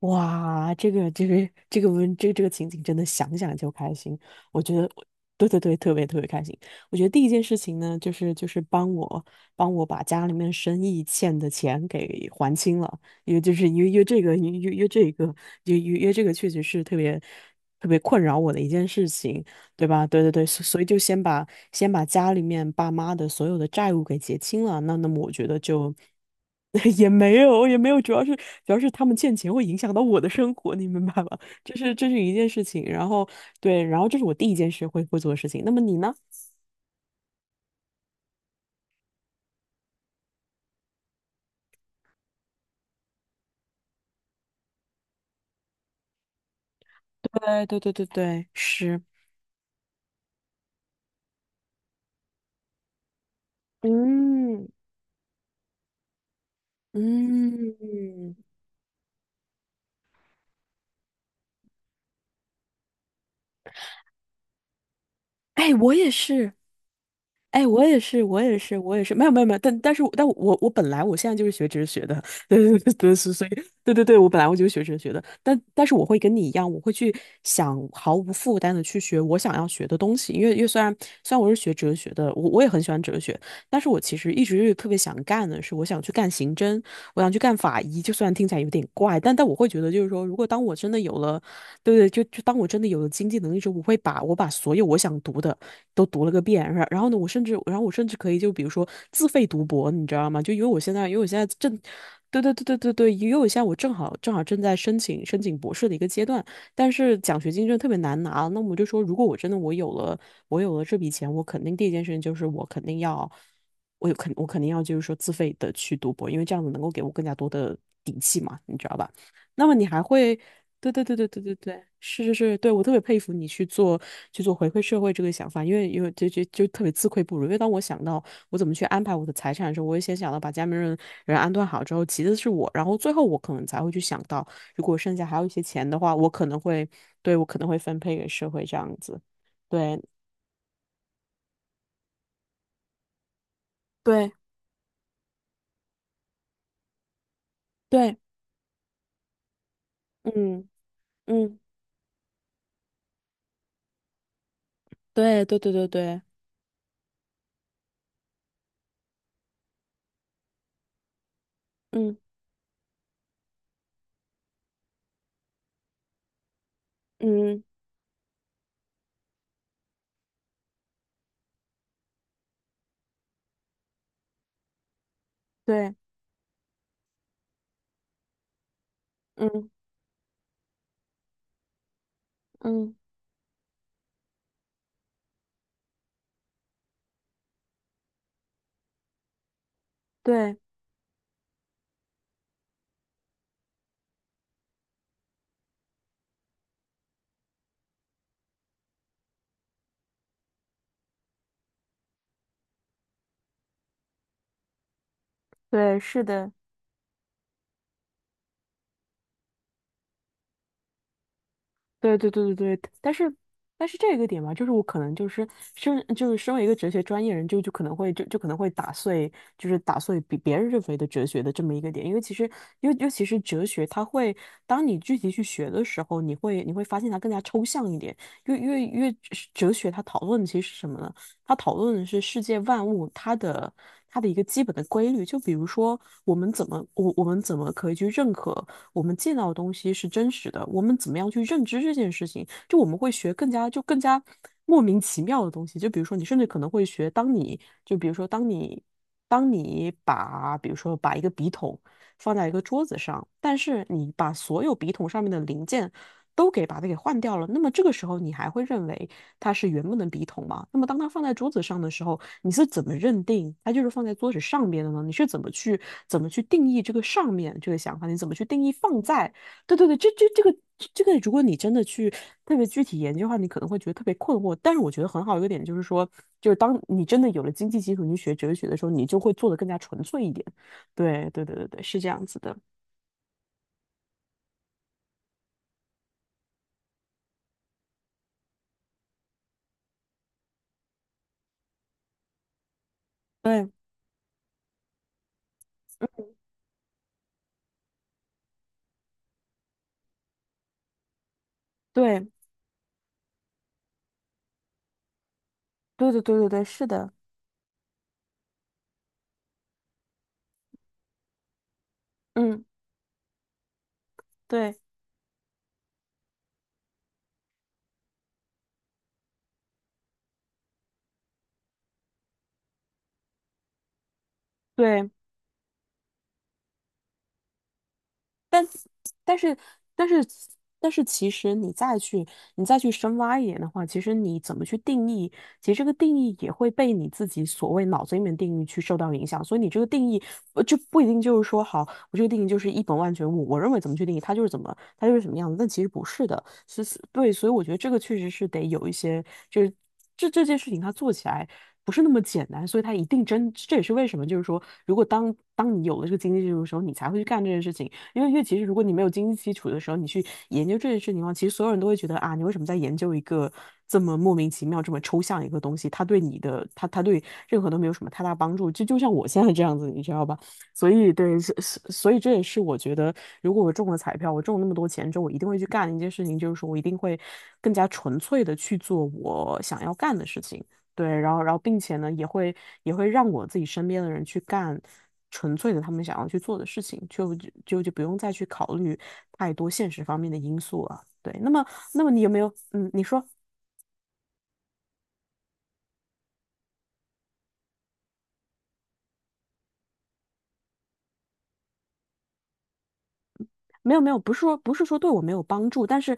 哇，这个这个这个文这个这个情景真的想想就开心。我觉得我，对对对，特别特别开心。我觉得第一件事情呢，就是帮我把家里面生意欠的钱给还清了，因为就是因为因为这个因为因为这个因为因为这个确实是特别特别困扰我的一件事情，对吧？对对对，所以就先把家里面爸妈的所有的债务给结清了。那么我觉得。 也没有也没有，主要是他们欠钱会影响到我的生活，你明白吧？这是一件事情。然后对，然后这是我第一件事会做的事情。那么你呢？对对对对对，是，嗯嗯，哎，我也是，哎，我也是，我也是，我也是，没有没有没有，但是我但我我本来我现在就是学哲学的。对对对对，所以对对对，我本来就是学哲学的，但是我会跟你一样，我会去想毫无负担的去学我想要学的东西。因为虽然我是学哲学的，我也很喜欢哲学，但是我其实一直特别想干的是，我想去干刑侦，我想去干法医。就虽然听起来有点怪，但我会觉得就是说，如果当我真的有了。对对，就当我真的有了经济能力之后，我会把所有我想读的都读了个遍。然后呢，我甚至可以就比如说自费读博，你知道吗？就因为我现在正，对对对对对对，因为我现在我正好正好正在申请申请博士的一个阶段，但是奖学金真的特别难拿。那我就说，如果我真的我有了我有了这笔钱，我肯定第一件事情就是我肯定要。我肯定要就是说自费的去读博，因为这样子能够给我更加多的底气嘛，你知道吧？那么你还会，对对对对对对对，是是是。对我特别佩服你去做回馈社会这个想法，因为就特别自愧不如。因为当我想到我怎么去安排我的财产的时候，我也先想到把家里面人安顿好之后，其次是我，然后最后我可能才会去想到，如果剩下还有一些钱的话，我可能会，对，我可能会分配给社会这样子。对对对，嗯嗯，对对对对对，嗯嗯对，嗯嗯对对，是的。对对对对对，但是这个点吧，就是我可能就是身就是身为一个哲学专业人，就就可能会就就可能会打碎，就是打碎比别人认为的哲学的这么一个点。因为其实尤其是哲学，它会当你具体去学的时候，你会发现它更加抽象一点。因为哲学它讨论的其实是什么呢？它讨论的是世界万物它的一个基本的规律，就比如说我们怎么可以去认可。我们见到的东西是真实的，我们怎么样去认知这件事情，就我们会学更加莫名其妙的东西，就比如说你甚至可能会学，当你就比如说当你当你把比如说把一个笔筒放在一个桌子上，但是你把所有笔筒上面的零件都给把它给换掉了，那么这个时候你还会认为它是原本的笔筒吗？那么当它放在桌子上的时候，你是怎么认定它就是放在桌子上面的呢？你是怎么去定义这个上面这个想法？你怎么去定义放在？对对对，这个，如果你真的去特别具体研究的话，你可能会觉得特别困惑。但是我觉得很好一个点就是说，就是当你真的有了经济基础，你学哲学的时候，你就会做得更加纯粹一点。对对对对对，是这样子的。对对对对对对对，是的，嗯，对对。但但是但是但是，其实你再去深挖一点的话，其实你怎么去定义，其实这个定义也会被你自己所谓脑子里面定义去受到影响。所以你这个定义就不一定就是说，好，我这个定义就是一本万卷物，我认为怎么去定义它就是怎么它就是什么样子，但其实不是的。是是，对，所以我觉得这个确实是得有一些，就是这件事情它做起来。不是那么简单，所以它一定真，这也是为什么，就是说，如果当你有了这个经济基础的时候，你才会去干这件事情。因为其实如果你没有经济基础的时候，你去研究这件事情的话，其实所有人都会觉得啊，你为什么在研究一个这么莫名其妙、这么抽象一个东西？它对你的，它对任何都没有什么太大帮助。就像我现在这样子，你知道吧？所以对，所以这也是我觉得，如果我中了彩票，我中了那么多钱之后，我一定会去干的一件事情，就是说我一定会更加纯粹的去做我想要干的事情。对，然后并且呢，也会让我自己身边的人去干纯粹的他们想要去做的事情，就不用再去考虑太多现实方面的因素了。对，那么你有没有，你说。没有没有，不是说对我没有帮助，但是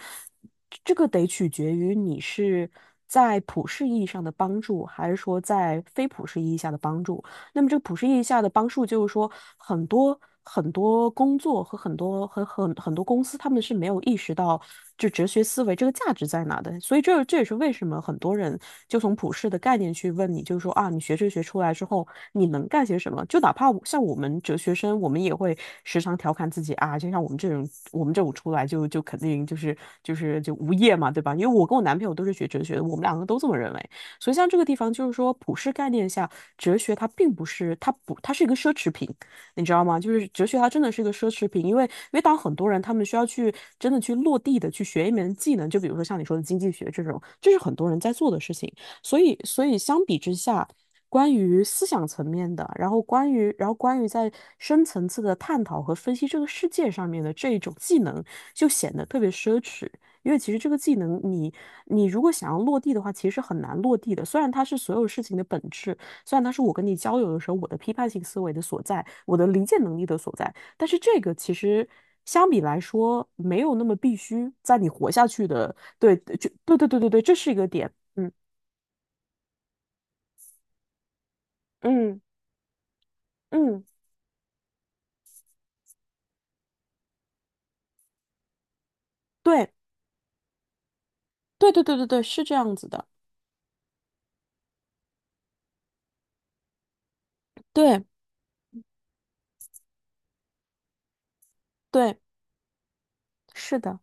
这个得取决于你是在普世意义上的帮助，还是说在非普世意义下的帮助。那么这个普世意义下的帮助，就是说很多很多工作和很多公司，他们是没有意识到就哲学思维这个价值在哪的。所以这也是为什么很多人就从普世的概念去问你，就是说啊，你学哲学出来之后，你能干些什么？就哪怕像我们哲学生，我们也会时常调侃自己啊，就像我们这种出来就肯定就是无业嘛，对吧？因为我跟我男朋友都是学哲学的，我们两个都这么认为。所以像这个地方，就是说普世概念下，哲学它并不是，它不，它是一个奢侈品，你知道吗？就是哲学它真的是一个奢侈品，因为当很多人他们需要去真的去落地的去学一门技能，就比如说像你说的经济学这种，这是很多人在做的事情。所以相比之下。关于思想层面的，然后关于，在深层次的探讨和分析这个世界上面的这一种技能，就显得特别奢侈。因为其实这个技能你如果想要落地的话，其实很难落地的。虽然它是所有事情的本质，虽然它是我跟你交流的时候我的批判性思维的所在，我的理解能力的所在，但是这个其实相比来说没有那么必须在你活下去的。对，对对对对对，这是一个点。嗯嗯嗯，对对对对对对，是这样子的。对对，是的，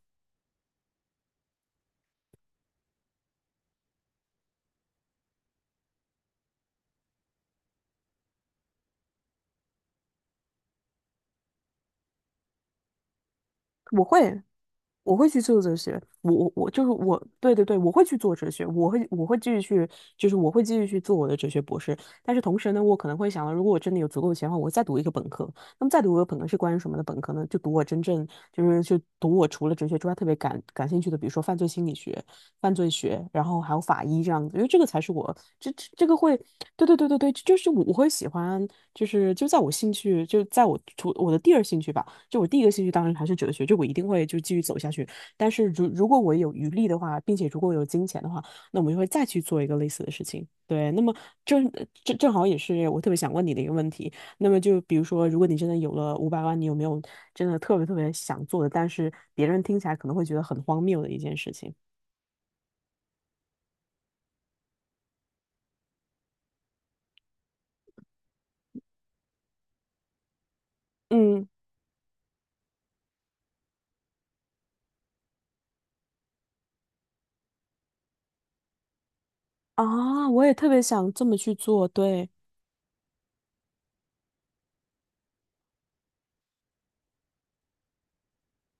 我会。我会去做哲学，我我我就是我，对对对，我会去做哲学，我会继续去，就是我会继续去做我的哲学博士。但是同时呢，我可能会想到，如果我真的有足够的钱的话，我会再读一个本科。那么再读一个本科是关于什么的本科呢？就读我真正就是就读我除了哲学之外特别感兴趣的，比如说犯罪心理学、犯罪学，然后还有法医这样子，因为这个才是我这个会。对对对对对，就是我会喜欢，就是就在我的第二兴趣吧。就我第一个兴趣当然还是哲学，就我一定会就继续走下去。但是如果我有余力的话，并且如果有金钱的话，那我们就会再去做一个类似的事情。对，那么正正好也是我特别想问你的一个问题。那么就比如说，如果你真的有了500万，你有没有真的特别特别想做的，但是别人听起来可能会觉得很荒谬的一件事情？嗯，啊，我也特别想这么去做，对，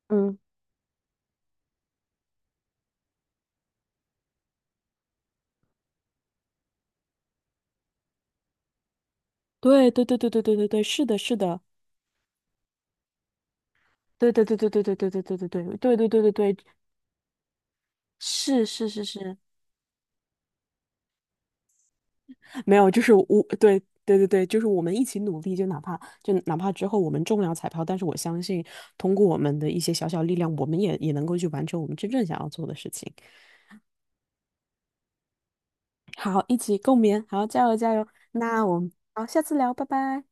嗯，对对对对对对对对，是的，是的，对对对对对对对对对对对对对对对对，是是是是，没有，就是我，对对对对，就是我们一起努力，就哪怕之后我们中不了彩票，但是我相信通过我们的一些小小力量，我们也能够去完成我们真正想要做的事情。好，一起共勉，好，加油加油！那我们好，下次聊，拜拜。